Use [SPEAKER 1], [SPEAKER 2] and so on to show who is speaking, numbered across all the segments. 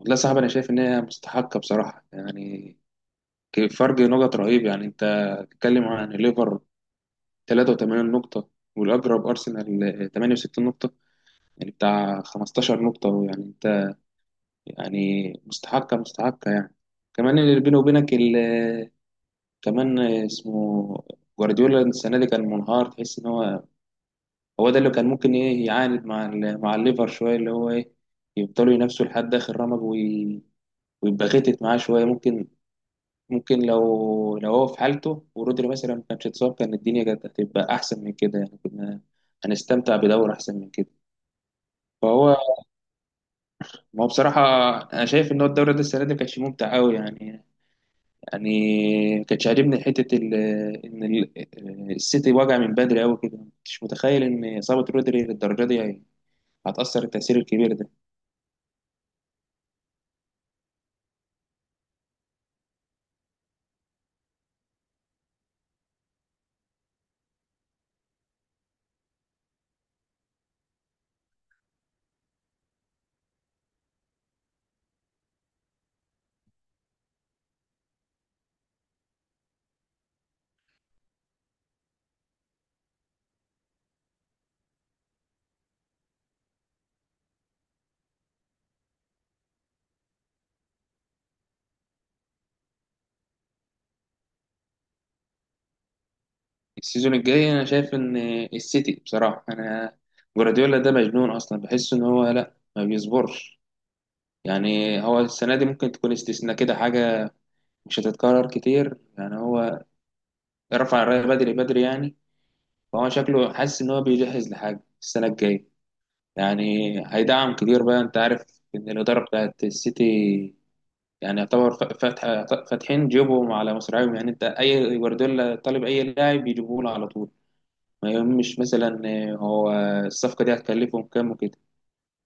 [SPEAKER 1] والله، صعب. انا شايف ان هي مستحقه بصراحه يعني فرق نقط رهيب. يعني انت بتتكلم عن الليفر 83 نقطه، والاقرب ارسنال 68 نقطه، يعني بتاع 15 نقطه. ويعني انت يعني مستحقه مستحقه يعني. كمان اللي بيني وبينك كمان اسمه جوارديولا السنه دي كان منهار. تحس ان هو ده اللي كان ممكن ايه يعاند مع الليفر شويه، اللي هو ايه يفضلوا ينافسوا لحد اخر رمق ويبقى غتت معاه شويه. ممكن لو هو في حالته ورودري مثلا ما كانش اتصاب، كان الدنيا كانت هتبقى احسن من كده، يعني كنا هنستمتع بدوري احسن من كده. فهو، ما هو بصراحه انا شايف ان هو الدوري ده السنه دي ما كانش ممتع قوي يعني ما كانش عاجبني حته السيتي وجع من بدري قوي كده، ما كنتش متخيل ان اصابه رودري للدرجه دي هتاثر التاثير الكبير ده. السيزون الجاي انا شايف ان السيتي بصراحه. انا جوارديولا ده مجنون اصلا، بحس ان هو لا ما بيصبرش. يعني هو السنة دي ممكن تكون استثناء كده، حاجة مش هتتكرر كتير. يعني هو رفع الراية بدري بدري يعني. فهو شكله حاسس إن هو بيجهز لحاجة السنة الجاية، يعني هيدعم كتير بقى. أنت عارف إن الإدارة بتاعت السيتي يعني يعتبر ف- فاتحة فاتحين جيبهم على مصراعيهم. يعني أنت أي جوارديولا طالب أي لاعب يجيبوه له على طول، ما يهمش مثلا هو الصفقة دي هتكلفهم كام وكده.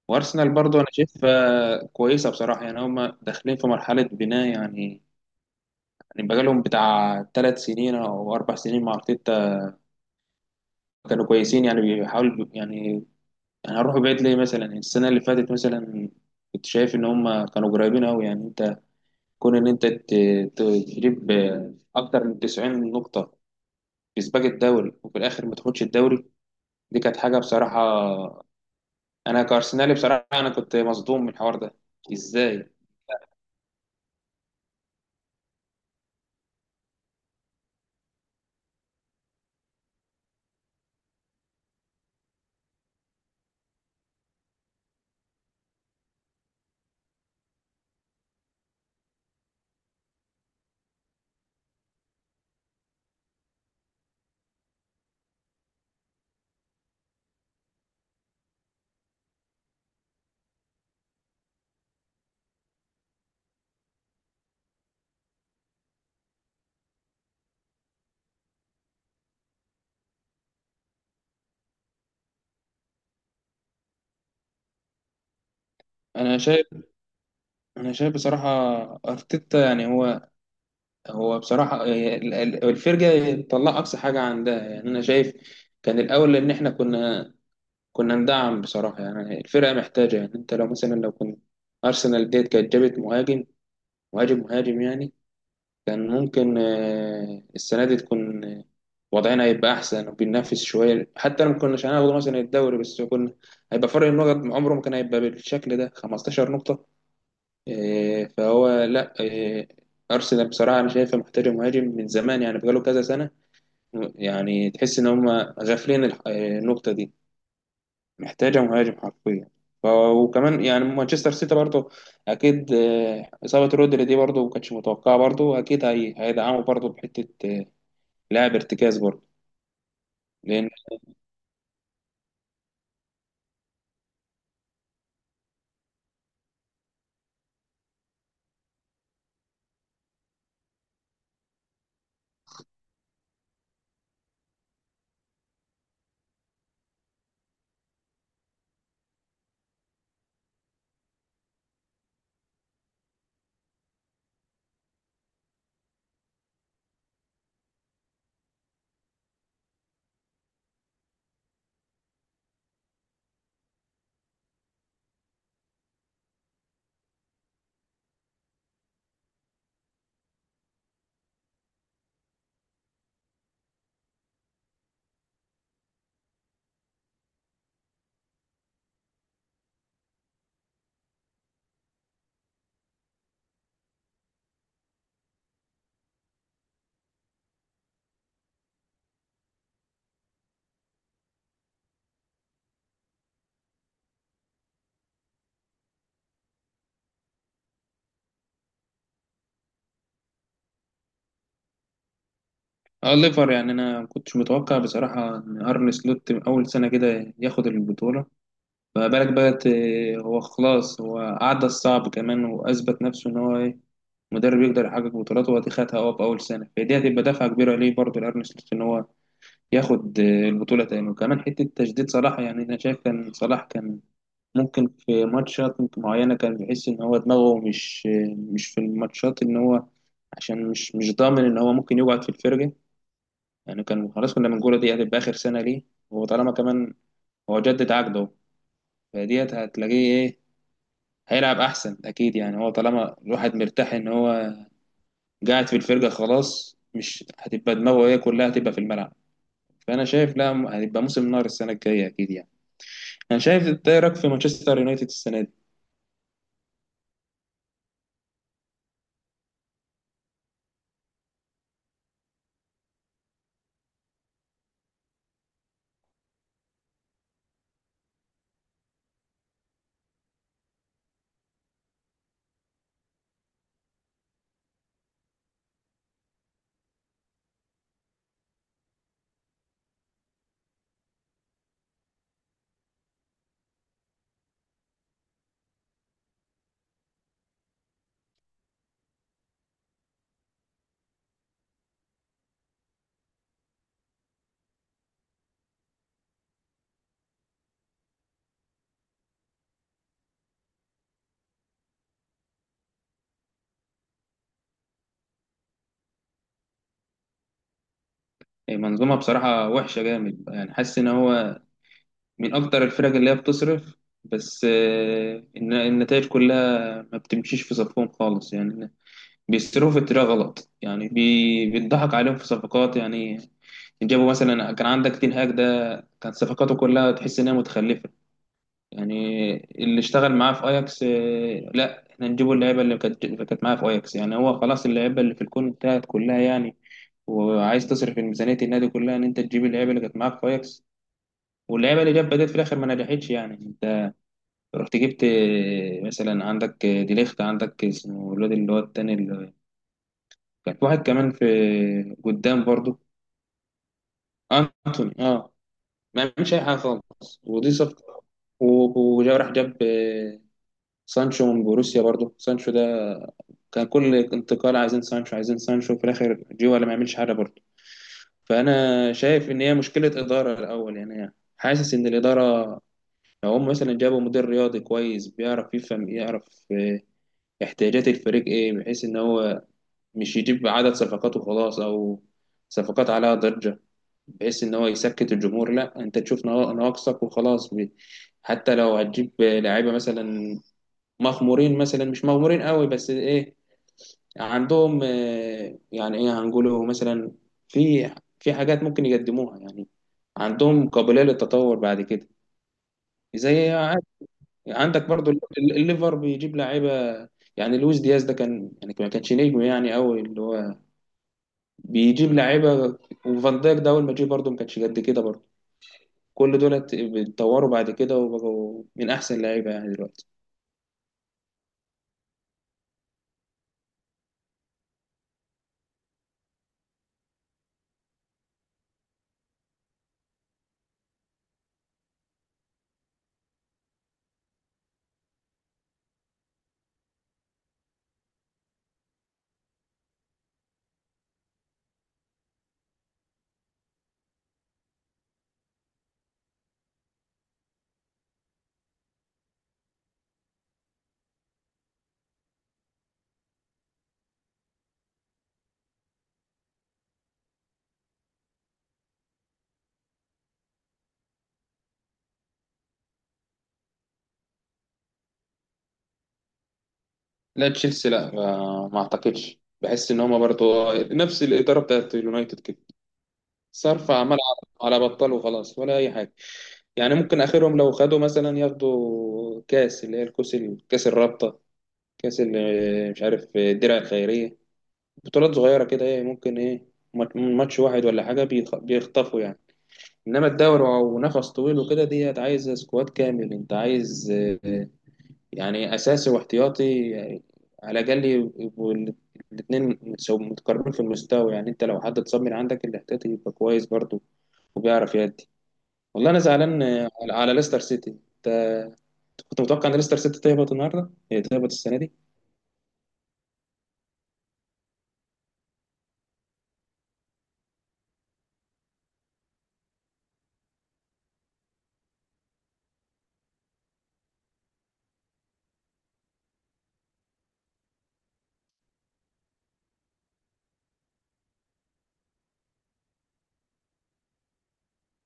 [SPEAKER 1] وأرسنال برضه أنا شايفها كويسة بصراحة. يعني هما داخلين في مرحلة بناء يعني. يعني بقالهم بتاع ثلاث سنين او اربع سنين مع ارتيتا، كانوا كويسين. يعني بيحاولوا يعني هروح بعيد ليه؟ مثلا يعني السنه اللي فاتت مثلا كنت شايف ان هم كانوا قريبين قوي. يعني انت، كون ان انت تجيب اكتر من 90 نقطه في سباق الدوري وفي الاخر ما تاخدش الدوري، دي كانت حاجه بصراحه. انا كارسنالي بصراحه، انا كنت مصدوم من الحوار ده، ازاي؟ انا شايف انا شايف بصراحه ارتيتا يعني هو. بصراحة، الفرجة طلع أقصى حاجة عندها. يعني أنا شايف كان الأول إن إحنا كنا ندعم بصراحة. يعني الفرقة محتاجة. يعني أنت لو مثلا لو كنت أرسنال ديت كانت جابت مهاجم، مهاجم مهاجم يعني. كان ممكن السنة دي تكون، وضعنا هيبقى أحسن وبننافس شوية، حتى لو ما كناش هناخد مثلا الدوري، بس كنا هيبقى فرق النقط عمره ما كان هيبقى بالشكل ده 15 نقطة. فهو لا. ارسنال بصراحه انا شايفه محتاجه مهاجم من زمان يعني بقاله كذا سنه. يعني تحس ان هم غافلين الح- إيه، النقطه دي، محتاجه مهاجم حرفيا. وكمان يعني مانشستر سيتي برضه اكيد، اصابه رودري دي برضه ما كانتش متوقعه. برضه اكيد هي هيدعموا برضه بحته، لاعب ارتكاز برضه، لان. اه، ليفر يعني انا ما كنتش متوقع بصراحه ان ارن سلوت اول سنه كده ياخد البطوله، ما بالك بقى. هو خلاص، هو عدى الصعب كمان وأثبت نفسه إن هو مدرب يقدر يحقق بطولاته. وأدي خدها هو في أول سنة، فدي هتبقى دفعة كبيرة ليه برضه لأرن سلوت إن هو ياخد البطولة تاني. وكمان حتة تجديد صلاح. يعني أنا شايف كان صلاح كان ممكن في ماتشات معينة كان بيحس إن هو دماغه مش في الماتشات، إن هو عشان مش ضامن إن هو ممكن يقعد في الفرقة. يعني كان خلاص كنا بنقول دي هتبقى آخر سنة ليه. وطالما كمان هو جدد عقده، فديت هتلاقيه هيلعب احسن اكيد. يعني هو طالما الواحد مرتاح ان هو قاعد في الفرقه خلاص، مش هتبقى دماغه، هي كلها هتبقى في الملعب. فانا شايف لا، هتبقى موسم نار السنه الجايه اكيد يعني. انا شايف. إنت إيه رايك في مانشستر يونايتد السنه دي؟ منظومه بصراحه وحشه جامد. يعني حاسس ان هو من اكتر الفرق اللي هي بتصرف، بس النتائج كلها ما بتمشيش في صفهم خالص يعني. بيصرفوا في الطريقة غلط، يعني بيضحك عليهم في صفقات يعني. جابوا مثلا، كان عندك تين هاج ده، كانت صفقاته كلها تحس انها متخلفة يعني. اللي اشتغل معاه في اياكس، لا احنا نجيبوا اللعيبة اللي كانت معاه في اياكس يعني. هو خلاص اللعيبة اللي في الكون انتهت كلها يعني. وعايز تصرف ميزانية النادي كلها ان انت تجيب اللعيبة اللي كانت معاك في اياكس، واللعيبة اللي جاب بدات في الاخر ما نجحتش. يعني انت رحت جبت، مثلا عندك، ديليخت، عندك اسمه الواد اللي هو التاني، كان في واحد كمان في قدام برضو، انتوني، اه، ما عملش اي حاجه خالص، ودي صفقه. وجا راح جاب سانشو من بوروسيا. برضو سانشو ده كان كل انتقال عايزين سانشو عايزين سانشو، في الاخر جه ولا ما عملش حاجه برضو. فانا شايف ان هي مشكله اداره الاول، يعني حاسس ان الاداره لو هم مثلا جابوا مدير رياضي كويس بيعرف يفهم يعرف احتياجات الفريق ايه، بحيث ان هو مش يجيب عدد صفقات وخلاص، او صفقات عليها ضجه بحيث ان هو يسكت الجمهور. لا، انت تشوف نواقصك وخلاص. حتى لو هتجيب لعيبه مثلا مغمورين، مثلا مش مغمورين قوي بس ايه، عندهم، يعني ايه هنقوله؟ مثلا في في حاجات ممكن يقدموها يعني، عندهم قابليه للتطور بعد كده، زي عادي. عندك برضو الليفر بيجيب لعيبه. يعني لويس دياز ده كان، يعني ما كانش نجم يعني قوي، اللي هو بيجيب لعيبه. وفان دايك ده اول ما جه برضه ما كانش قد كده برضه، كل دولت اتطوروا بعد كده وبقوا من احسن لعيبه يعني دلوقتي. لا، تشيلسي لا، ما اعتقدش. بحس ان هما برضو نفس الاداره بتاعت اليونايتد كده، صرف عمال على بطال وخلاص ولا اي حاجه. يعني ممكن اخرهم لو خدوا مثلا، ياخدوا كاس اللي هي الكاس، كاس الرابطه، كاس مش عارف الدرع الخيريه، بطولات صغيره كده، ايه ممكن، ايه ماتش واحد ولا حاجه بيخطفوا يعني. انما الدوري ونفس طويل وكده، ديت عايز سكواد كامل. انت عايز، يعني اساسي واحتياطي، يعني على الاقل يبقوا الاثنين متقاربين في المستوى. يعني انت لو حد اتصاب من عندك الاحتياطي يبقى كويس برضه، وبيعرف يأدي. والله انا زعلان، على ليستر سيتي. انت كنت متوقع ان ليستر سيتي تهبط النهارده؟ هي تهبط السنه دي.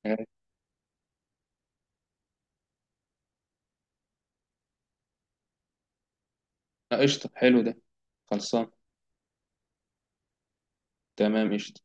[SPEAKER 1] آه، قشطه، حلو ده. خلصان. تمام، قشطه.